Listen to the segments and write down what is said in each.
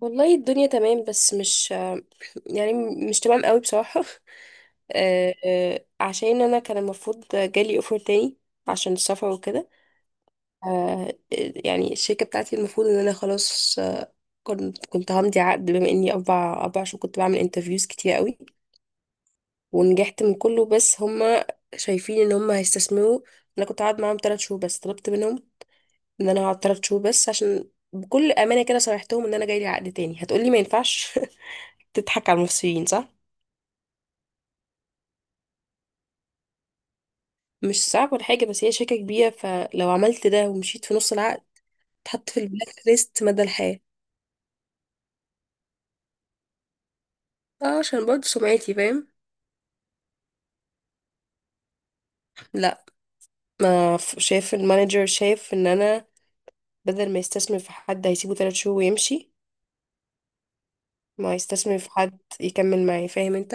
والله الدنيا تمام، بس مش، يعني، مش تمام قوي بصراحة. عشان انا كان المفروض جالي اوفر تاني عشان السفر وكده. آه، يعني الشركة بتاعتي المفروض ان انا خلاص، كنت همضي عقد، بما اني اربع شهور كنت بعمل انترفيوز كتير قوي ونجحت من كله، بس هما شايفين ان هما هيستثمروا. انا كنت قاعد معاهم ثلاث شهور بس، طلبت منهم ان انا هقعد ثلاث شهور بس، عشان بكل امانه كده صرحتهم ان انا جاي لي عقد تاني، هتقولي ما ينفعش. تضحك على المصريين، صح؟ مش صعب ولا حاجة، بس هي شركة كبيرة، فلو عملت ده ومشيت في نص العقد تحط في البلاك ليست مدى الحياة. اه، عشان برضه سمعتي، فاهم. لا، ما ف- شايف المانجر شايف ان انا بدل ما يستثمر في حد هيسيبه ثلاث شهور ويمشي، ما يستثمر في حد يكمل معي، فاهم انت.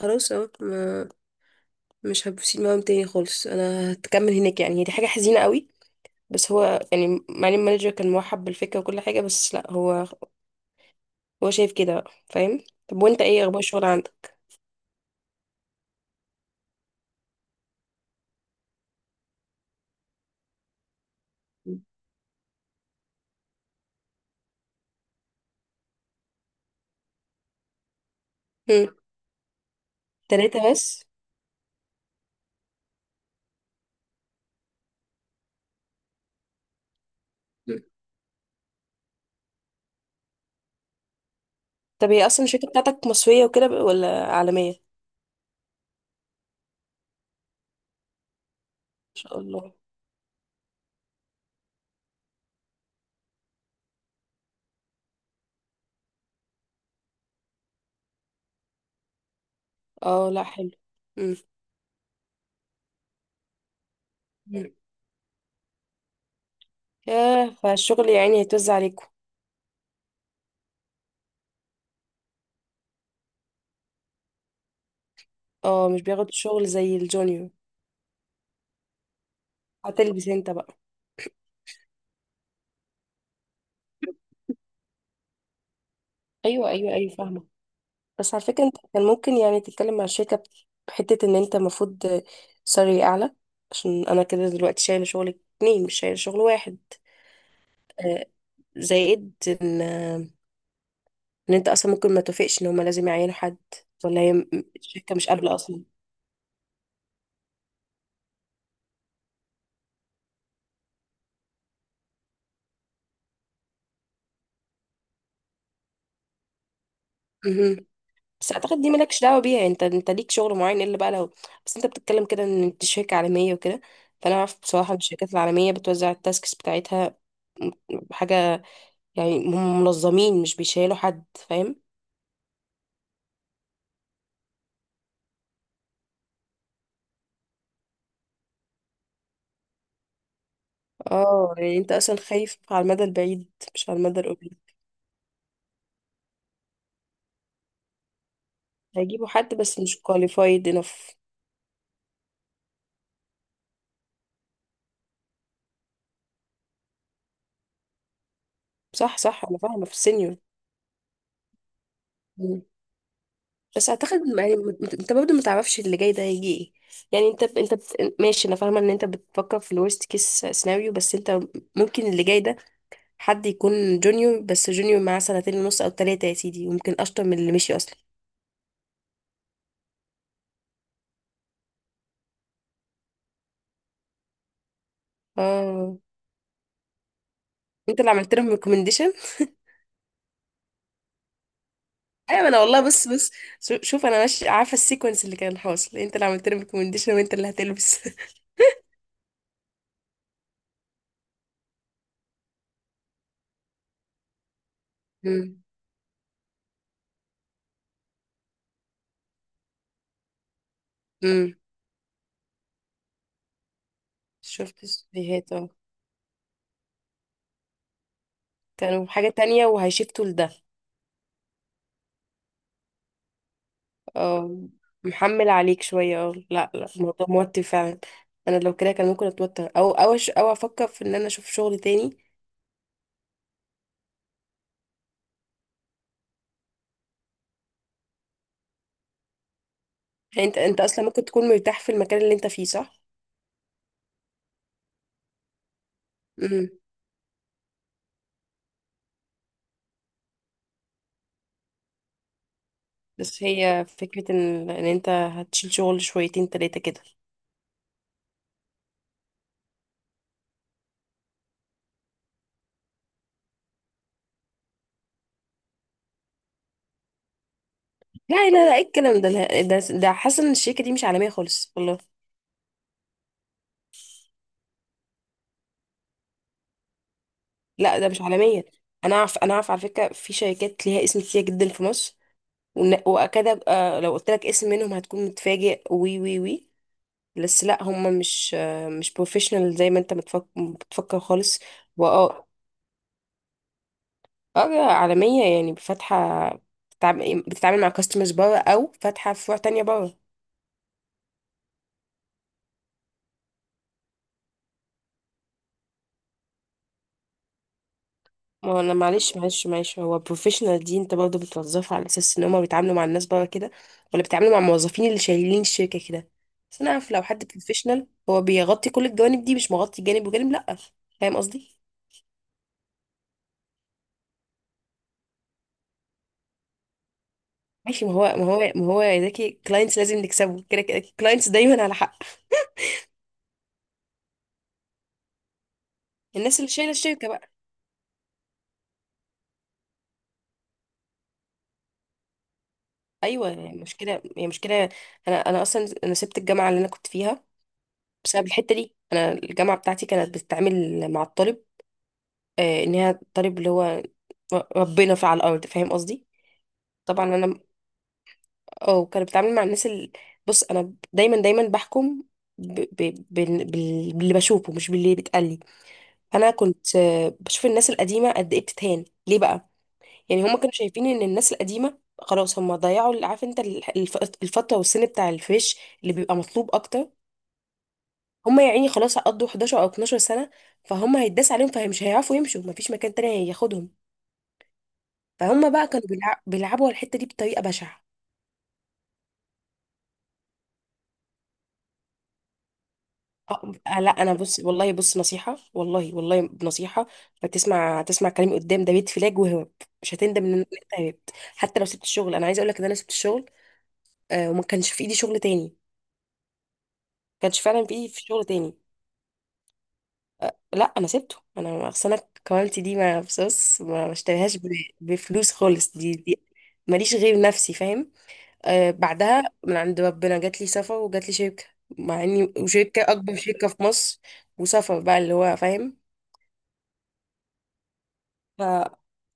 خلاص اه، مش هبسيط معاهم تاني خالص، انا هتكمل هناك. يعني هي دي حاجة حزينة قوي، بس هو يعني مع ان المانجر كان مرحب بالفكرة وكل حاجة، بس لا، هو شايف كده بقى، فاهم؟ طب وانت، ايه اخبار الشغل؟ هم. تلاتة بس. مم. طب هي اصلا الشركة بتاعتك مصرية وكده ولا عالمية؟ ان شاء الله. اه، لا حلو. مم. مم. ياه، فالشغل يعني هيتوزع عليكم. اه، مش بياخد شغل زي الجونيور. هتلبس انت بقى. ايوه، ايوه، ايوه، فاهمة. بس على فكرة، انت كان ممكن يعني تتكلم مع الشركة بحتة، ان انت المفروض سالري اعلى، عشان انا كده دلوقتي شايلة شغل اتنين، مش شايلة شغل واحد. آه، زائد ان ان انت اصلا ممكن ما توافقش ان هما لازم يعينوا حد، ولا هي الشركه مش قابله اصلا. مهم. بس اعتقد دي مالكش دعوه بيها، يعني انت ليك شغل معين، الا بقى لو. بس انت بتتكلم كده ان انت شركه عالميه وكده، فانا اعرف بصراحه ان الشركات العالميه بتوزع التاسكس بتاعتها م- حاجه، يعني هم منظمين، مش بيشيلوا حد، فاهم. اه، يعني انت اصلا خايف على المدى البعيد، مش على المدى القريب. هيجيبوا حد، بس مش qualified enough. صح، صح، انا فاهمه في السينيور. بس اعتقد، يعني انت برضه ما تعرفش اللي جاي ده هيجي ايه، يعني ماشي، انا فاهمه ان انت بتفكر في الورست كيس سيناريو، بس انت ممكن اللي جاي ده حد يكون جونيور، بس جونيور معاه سنتين ونص او ثلاثه يا سيدي، وممكن اشطر من اللي مشي اصلا. اه، انت اللي عملت لهم ريكومنديشن. ايوه، انا والله، بص بص، شوف انا ماشي عارفه السيكونس اللي كان حاصل، انت اللي عملت لهم ريكومنديشن وانت اللي هتلبس. امم. امم. شفت الفيديوهات، اه، كانوا حاجه تانية وهيشفتوا لده. اه، محمل عليك شوية، اه، لا لا، الموضوع موتر فعلا. انا لو كده كان ممكن اتوتر، او او افكر في ان انا اشوف شغل تاني. يعني انت اصلا ممكن تكون مرتاح في المكان اللي انت فيه، صح؟ امم. بس هي فكرة ان انت هتشيل شغل شويتين تلاتة كده. لا لا لا، ايه الكلام ده، لا، ده حاسة ان الشركة دي مش عالمية خالص، والله. لا، ده مش عالمية. انا اعرف على فكرة، في شركات ليها اسم كتير جدا في مصر، واكاد ابقى لو قلت لك اسم منهم هتكون متفاجئ، وي وي وي، بس لا، هم مش بروفيشنال زي ما انت بتفكر خالص. واه اه، عالمية يعني فاتحة، بتتعامل مع كاستمرز بره، او فاتحة فروع تانية بره. ما هو انا معلش معلش معلش، هو بروفيشنال دي انت برضه بتوظفها على اساس ان هم بيتعاملوا مع الناس بره كده، ولا بيتعاملوا مع الموظفين اللي شايلين الشركة كده. بس انا عارف، لو حد بروفيشنال هو بيغطي كل الجوانب دي، مش مغطي جانب وجانب، لا. فاهم قصدي. ماشي، ما هو يا زكي، كلاينتس لازم نكسبه، كده كده كلاينتس دايما على حق. الناس اللي شايله الشركه بقى. ايوه، يعني مشكله، هي مشكله. انا سبت الجامعه اللي انا كنت فيها بسبب الحته دي. انا الجامعه بتاعتي كانت بتتعامل مع الطالب، ان هي الطالب اللي هو ربنا في على الارض، فاهم قصدي. طبعا انا، اه كانت بتتعامل مع الناس اللي، بص، انا دايما دايما بحكم باللي بشوفه، مش باللي بيتقال لي. انا كنت، بشوف الناس القديمه قد ايه بتتهان ليه بقى. يعني هما كانوا شايفين ان الناس القديمه خلاص هما ضيعوا، عارف انت، الفتره والسن بتاع الفيش اللي بيبقى مطلوب اكتر. هما يا عيني خلاص قضوا 11 او 12 سنه، فهم هيتداس عليهم، فمش هيعرفوا يمشوا، مفيش مكان تاني هياخدهم، فهم بقى كانوا بيلعبوا على الحته دي بطريقه بشعه. أه آه، لا، انا بص، والله بص، نصيحه، والله والله نصيحه، هتسمع كلامي قدام، ده بيت فلاج وهرب، مش هتندم ان انت هربت. حتى لو سبت الشغل، انا عايزه اقول لك ان انا سبت الشغل، وما كانش في ايدي شغل تاني، ما كانش فعلا في ايدي في شغل تاني. لا، انا سبته، انا اصل انا كوالتي دي ما بصص، ما اشتريهاش بفلوس خالص، دي ماليش غير نفسي، فاهم. بعدها من عند ربنا جات لي سفر، وجات لي شركه، مع اني، وشركه اكبر شركه في مصر، وسفر بقى، اللي هو فاهم. ف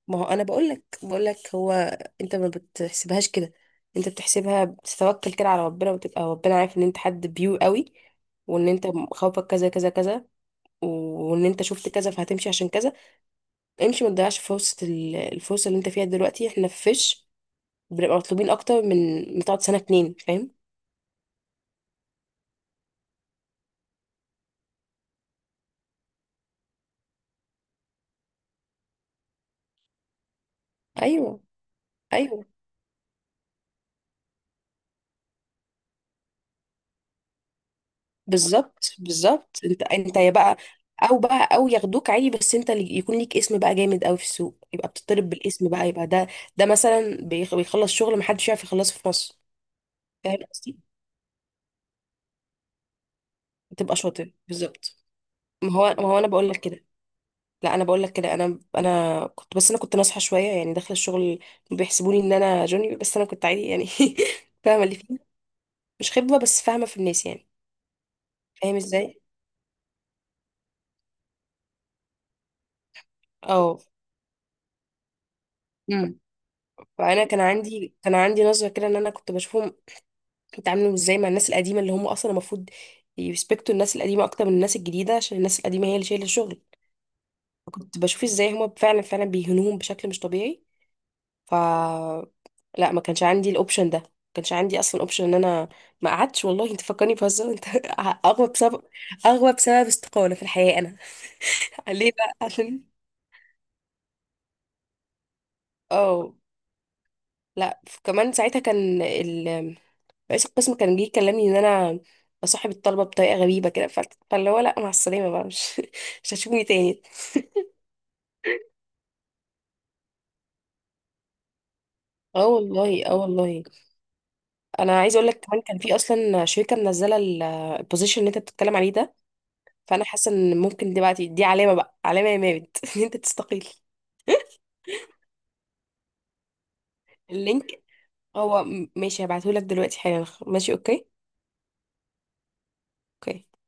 ما هو انا بقول لك هو، انت ما بتحسبهاش كده، انت بتحسبها، بتتوكل كده على ربنا، وتبقى ربنا عارف ان انت حد بيو قوي، وان انت خوفك كذا كذا كذا، وان انت شفت كذا فهتمشي عشان كذا. امشي، ما تضيعش فرصة، الفرصة اللي انت فيها دلوقتي. احنا في فيش بنبقى مطلوبين اكتر، من تقعد سنة اتنين، فاهم. ايوه، ايوه. بالظبط، بالظبط، انت يا بقى، او بقى، او ياخدوك عادي، بس انت اللي يكون ليك اسم بقى جامد قوي في السوق، يبقى بتطلب بالاسم بقى، يبقى ده، ده مثلا بيخلص شغل محدش يعرف يخلصه في مصر، فاهم قصدي. تبقى شاطر، بالظبط. ما هو انا بقول لك كده، لا، انا بقول لك كده، انا كنت، بس انا كنت ناصحه شويه يعني، داخله الشغل بيحسبوني ان انا جونيور، بس انا كنت عادي يعني. فاهمه اللي فيه، مش خبره، بس فاهمه في الناس يعني. فاهم ازاي. اه. امم. فانا كان عندي نظره كده، ان انا كنت بشوفهم بيتعاملوا ازاي مع الناس القديمه، اللي هم اصلا المفروض يريسبكتوا الناس القديمه اكتر من الناس الجديده، عشان الناس القديمه هي اللي شايله الشغل. فكنت بشوف ازاي هم فعلا فعلا بيهنوهم بشكل مش طبيعي. لا، ما كانش عندي الاوبشن ده، ما كانش عندي اصلا اوبشن ان انا، ما قعدتش، والله انت فكرني بهزار انت. اغوى بسبب اغوى بسبب استقالة في الحياة انا. ليه بقى؟ عشان اه، لا، كمان ساعتها كان رئيس القسم كان جه يكلمني ان انا بصاحب الطلبة بطريقة غريبة كده، فاللي هو لا، مع السلامة بقى، مش مش هتشوفني تاني. اه والله، اه والله. انا عايزه اقول لك، كمان كان في اصلا شركه منزله البوزيشن اللي انت بتتكلم عليه ده، فانا حاسه ان ممكن دلوقتي دي علامه بقى، علامه يا مامت، ان انت تستقيل. اللينك؟ هو ماشي، هبعتهولك دلوقتي حالا، ماشي، اوكي، اوكي.